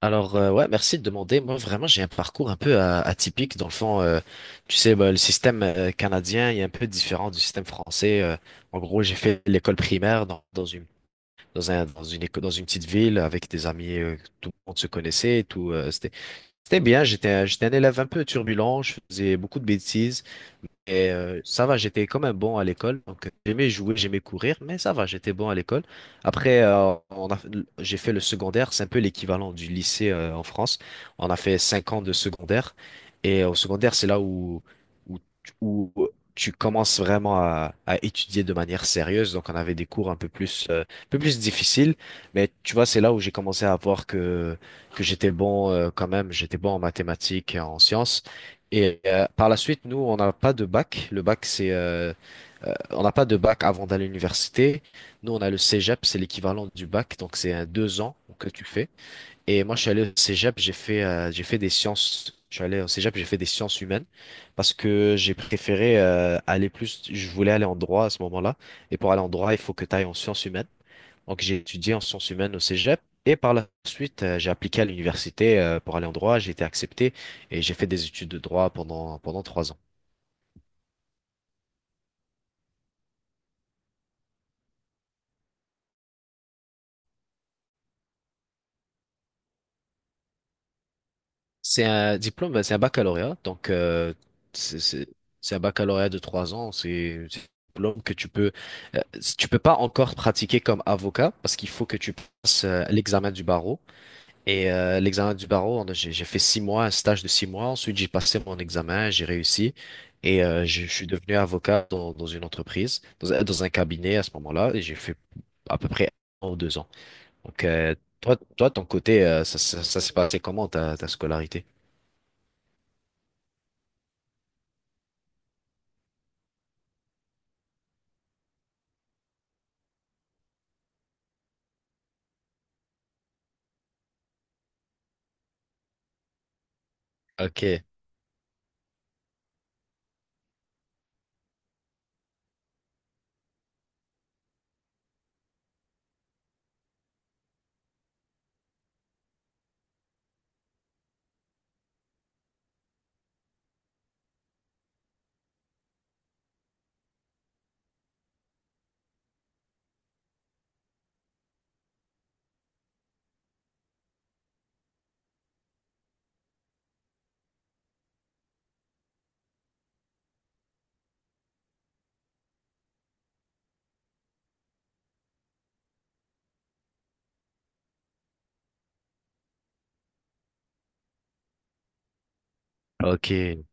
Alors, ouais, merci de demander. Moi, vraiment, j'ai un parcours un peu atypique dans le fond. Tu sais, bah, le système canadien est un peu différent du système français. En gros, j'ai fait l'école primaire dans, dans une dans un dans une éco- dans une petite ville avec des amis. Tout le monde se connaissait. Tout C'était bien. J'étais un élève un peu turbulent. Je faisais beaucoup de bêtises. Et ça va, j'étais quand même bon à l'école. Donc, j'aimais jouer, j'aimais courir, mais ça va, j'étais bon à l'école. Après, j'ai fait le secondaire. C'est un peu l'équivalent du lycée en France. On a fait 5 ans de secondaire. Et au secondaire, c'est là où tu commences vraiment à étudier de manière sérieuse. Donc, on avait des cours un peu plus difficiles. Mais tu vois, c'est là où j'ai commencé à voir que j'étais bon, quand même. J'étais bon en mathématiques et en sciences. Et par la suite, nous, on n'a pas de bac. On n'a pas de bac avant d'aller à l'université. Nous, on a le cégep, c'est l'équivalent du bac, donc c'est un 2 ans que tu fais. Et moi, je suis allé au cégep, j'ai fait des sciences. Je suis allé au cégep, j'ai fait des sciences humaines parce que j'ai préféré aller plus. Je voulais aller en droit à ce moment-là. Et pour aller en droit, il faut que tu ailles en sciences humaines. Donc, j'ai étudié en sciences humaines au Cégep et par la suite, j'ai appliqué à l'université pour aller en droit. J'ai été accepté et j'ai fait des études de droit pendant 3 ans. C'est un diplôme, c'est un baccalauréat, donc c'est c'est- c'est un baccalauréat de 3 ans. C'est un diplôme que euh, tu peux pas encore pratiquer comme avocat parce qu'il faut que tu passes l'examen du barreau. Et l'examen du barreau, j'ai fait 6 mois, un stage de 6 mois. Ensuite, j'ai passé mon examen, j'ai réussi. Et je suis devenu avocat dans une entreprise, dans un cabinet à ce moment-là. Et j'ai fait à peu près 1 ou 2 ans. Donc, toi, ton côté, ça s'est passé comment ta scolarité? Ok, ok,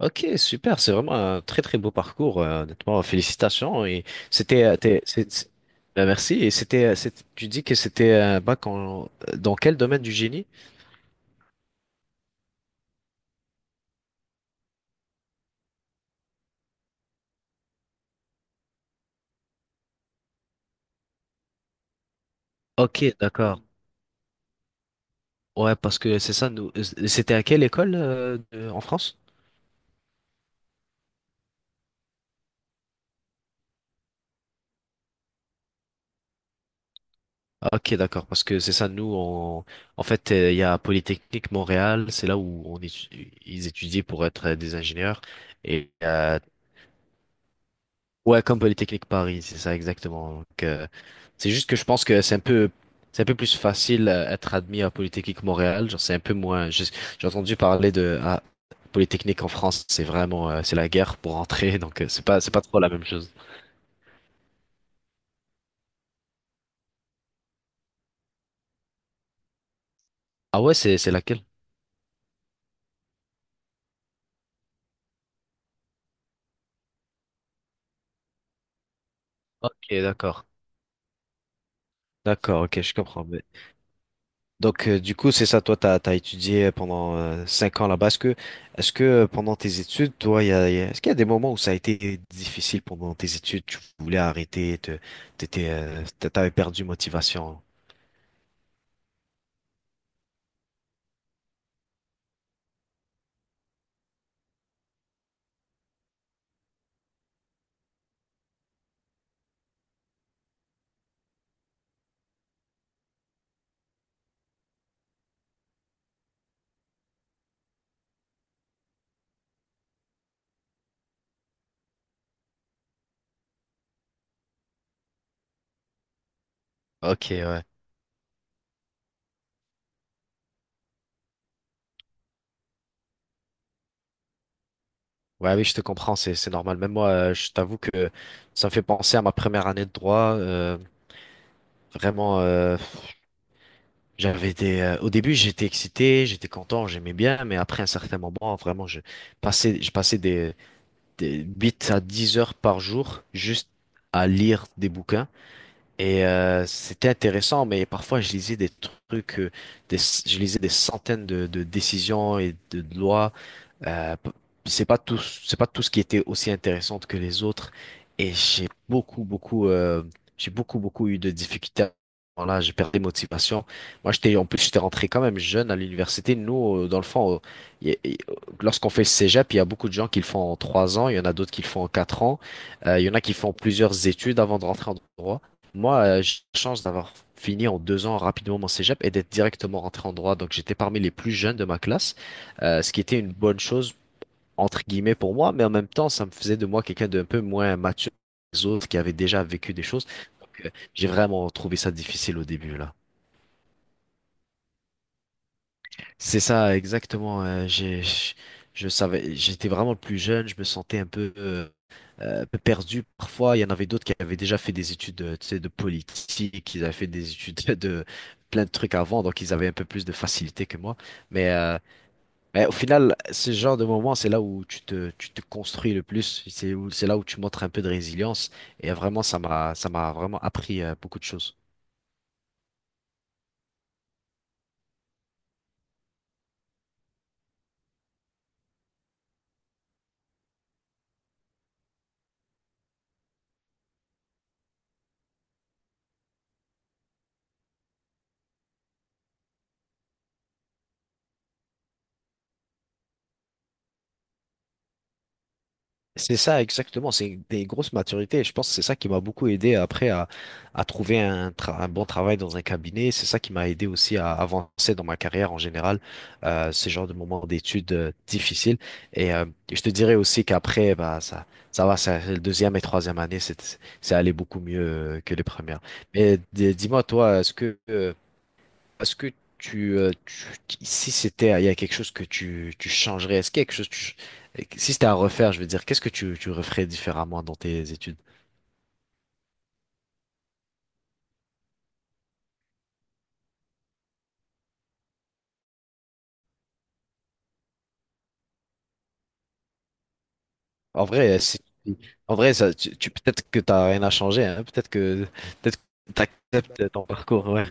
ok, super. C'est vraiment un très très beau parcours, honnêtement. Félicitations. C'était, euh, t'es- c'est- c'est- ben, merci. Et tu dis que c'était un bac dans quel domaine du génie? Ok, d'accord. Ouais, parce que c'est ça, nous. C'était à quelle école en France? Ah, ok, d'accord. Parce que c'est ça, nous, en fait, il y a Polytechnique Montréal, c'est là où ils étudient pour être des ingénieurs. Et ouais, comme Polytechnique Paris, c'est ça exactement. Donc, c'est juste que je pense que c'est un peu plus facile être admis à Polytechnique Montréal. Genre, c'est un peu moins. J'ai entendu parler de Polytechnique en France, c'est vraiment, c'est la guerre pour entrer, donc c'est pas trop la même chose. Ah, ouais, c'est laquelle? Ok, d'accord. D'accord, ok, je comprends. Mais. Donc, du coup, c'est ça, toi, t'as étudié pendant 5 ans là-bas. Est-ce que Pendant tes études, toi, est-ce qu'il y a des moments où ça a été difficile pendant tes études, tu voulais arrêter, t'avais perdu motivation? Ok, ouais. Ouais, oui, je te comprends, c'est normal. Même moi, je t'avoue que ça me fait penser à ma première année de droit. Vraiment, j'avais des. Au début, j'étais excité, j'étais content, j'aimais bien, mais après un certain moment, vraiment, je passais des 8 à 10 heures par jour juste à lire des bouquins. Et c'était intéressant, mais parfois trucs, euh, je lisais des centaines de décisions et de lois. Euh, p- c'est pas tout ce qui était aussi intéressante que les autres. Et j'ai beaucoup, beaucoup eu de difficultés. Là, j'ai perdu motivation. En plus, j'étais rentré quand même jeune à l'université. Nous, dans le fond, y a- y- lorsqu'on fait le cégep, il y a beaucoup de gens qui le font en 3 ans. Il y en a d'autres qui le font en 4 ans. Il y en a qui font plusieurs études avant de rentrer en droit. Moi, j'ai la chance d'avoir fini en 2 ans rapidement mon cégep et d'être directement rentré en droit. Donc, j'étais parmi les plus jeunes de ma classe, ce qui était une bonne chose entre guillemets pour moi, mais en même temps, ça me faisait de moi quelqu'un d'un peu moins mature que les autres qui avait déjà vécu des choses. Donc, j'ai vraiment trouvé ça difficile au début, là. C'est ça, exactement. Je savais, j'étais vraiment le plus jeune, je me sentais un peu perdu. Parfois, il y en avait d'autres qui avaient déjà fait des études, tu sais, de politique, ils avaient fait des études de plein de trucs avant, donc ils avaient un peu plus de facilité que moi. Mais euh, Mais au final, ce genre de moment, c'est là où tu te construis le plus, c'est là où tu montres un peu de résilience. Et vraiment, ça m'a vraiment appris beaucoup de choses. C'est ça, exactement. C'est des grosses maturités. Et je pense que c'est ça qui m'a beaucoup aidé après à trouver un bon travail dans un cabinet. C'est ça qui m'a aidé aussi à avancer dans ma carrière en général, ce genre de moments d'études difficiles. Et je te dirais aussi qu'après, bah, le deuxième et troisième année, c'est allé beaucoup mieux que les premières. Mais dis-moi, toi, est-ce que si c'était, il y a quelque chose que tu changerais, est-ce qu'il y a quelque chose que si c'était à refaire, je veux dire, qu'est-ce que tu referais différemment dans tes études? En vrai, en vrai, peut-être que t'as rien à changer, hein, peut-être que t'acceptes ton parcours, ouais.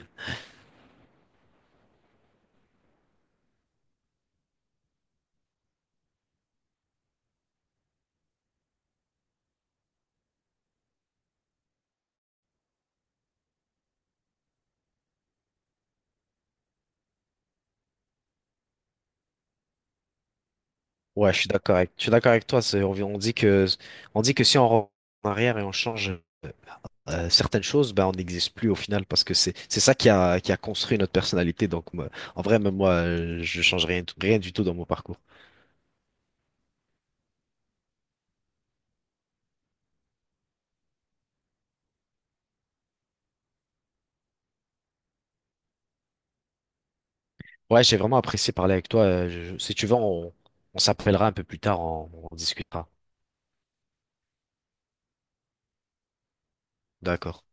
Ouais, je suis d'accord avec toi. On dit que si on rentre en arrière et on change, certaines choses, ben, on n'existe plus au final parce que c'est ça qui a construit notre personnalité. Donc, en vrai, même moi, je change rien, rien du tout dans mon parcours. Ouais, j'ai vraiment apprécié parler avec toi. Si tu veux, on s'appellera un peu plus tard, on discutera. D'accord.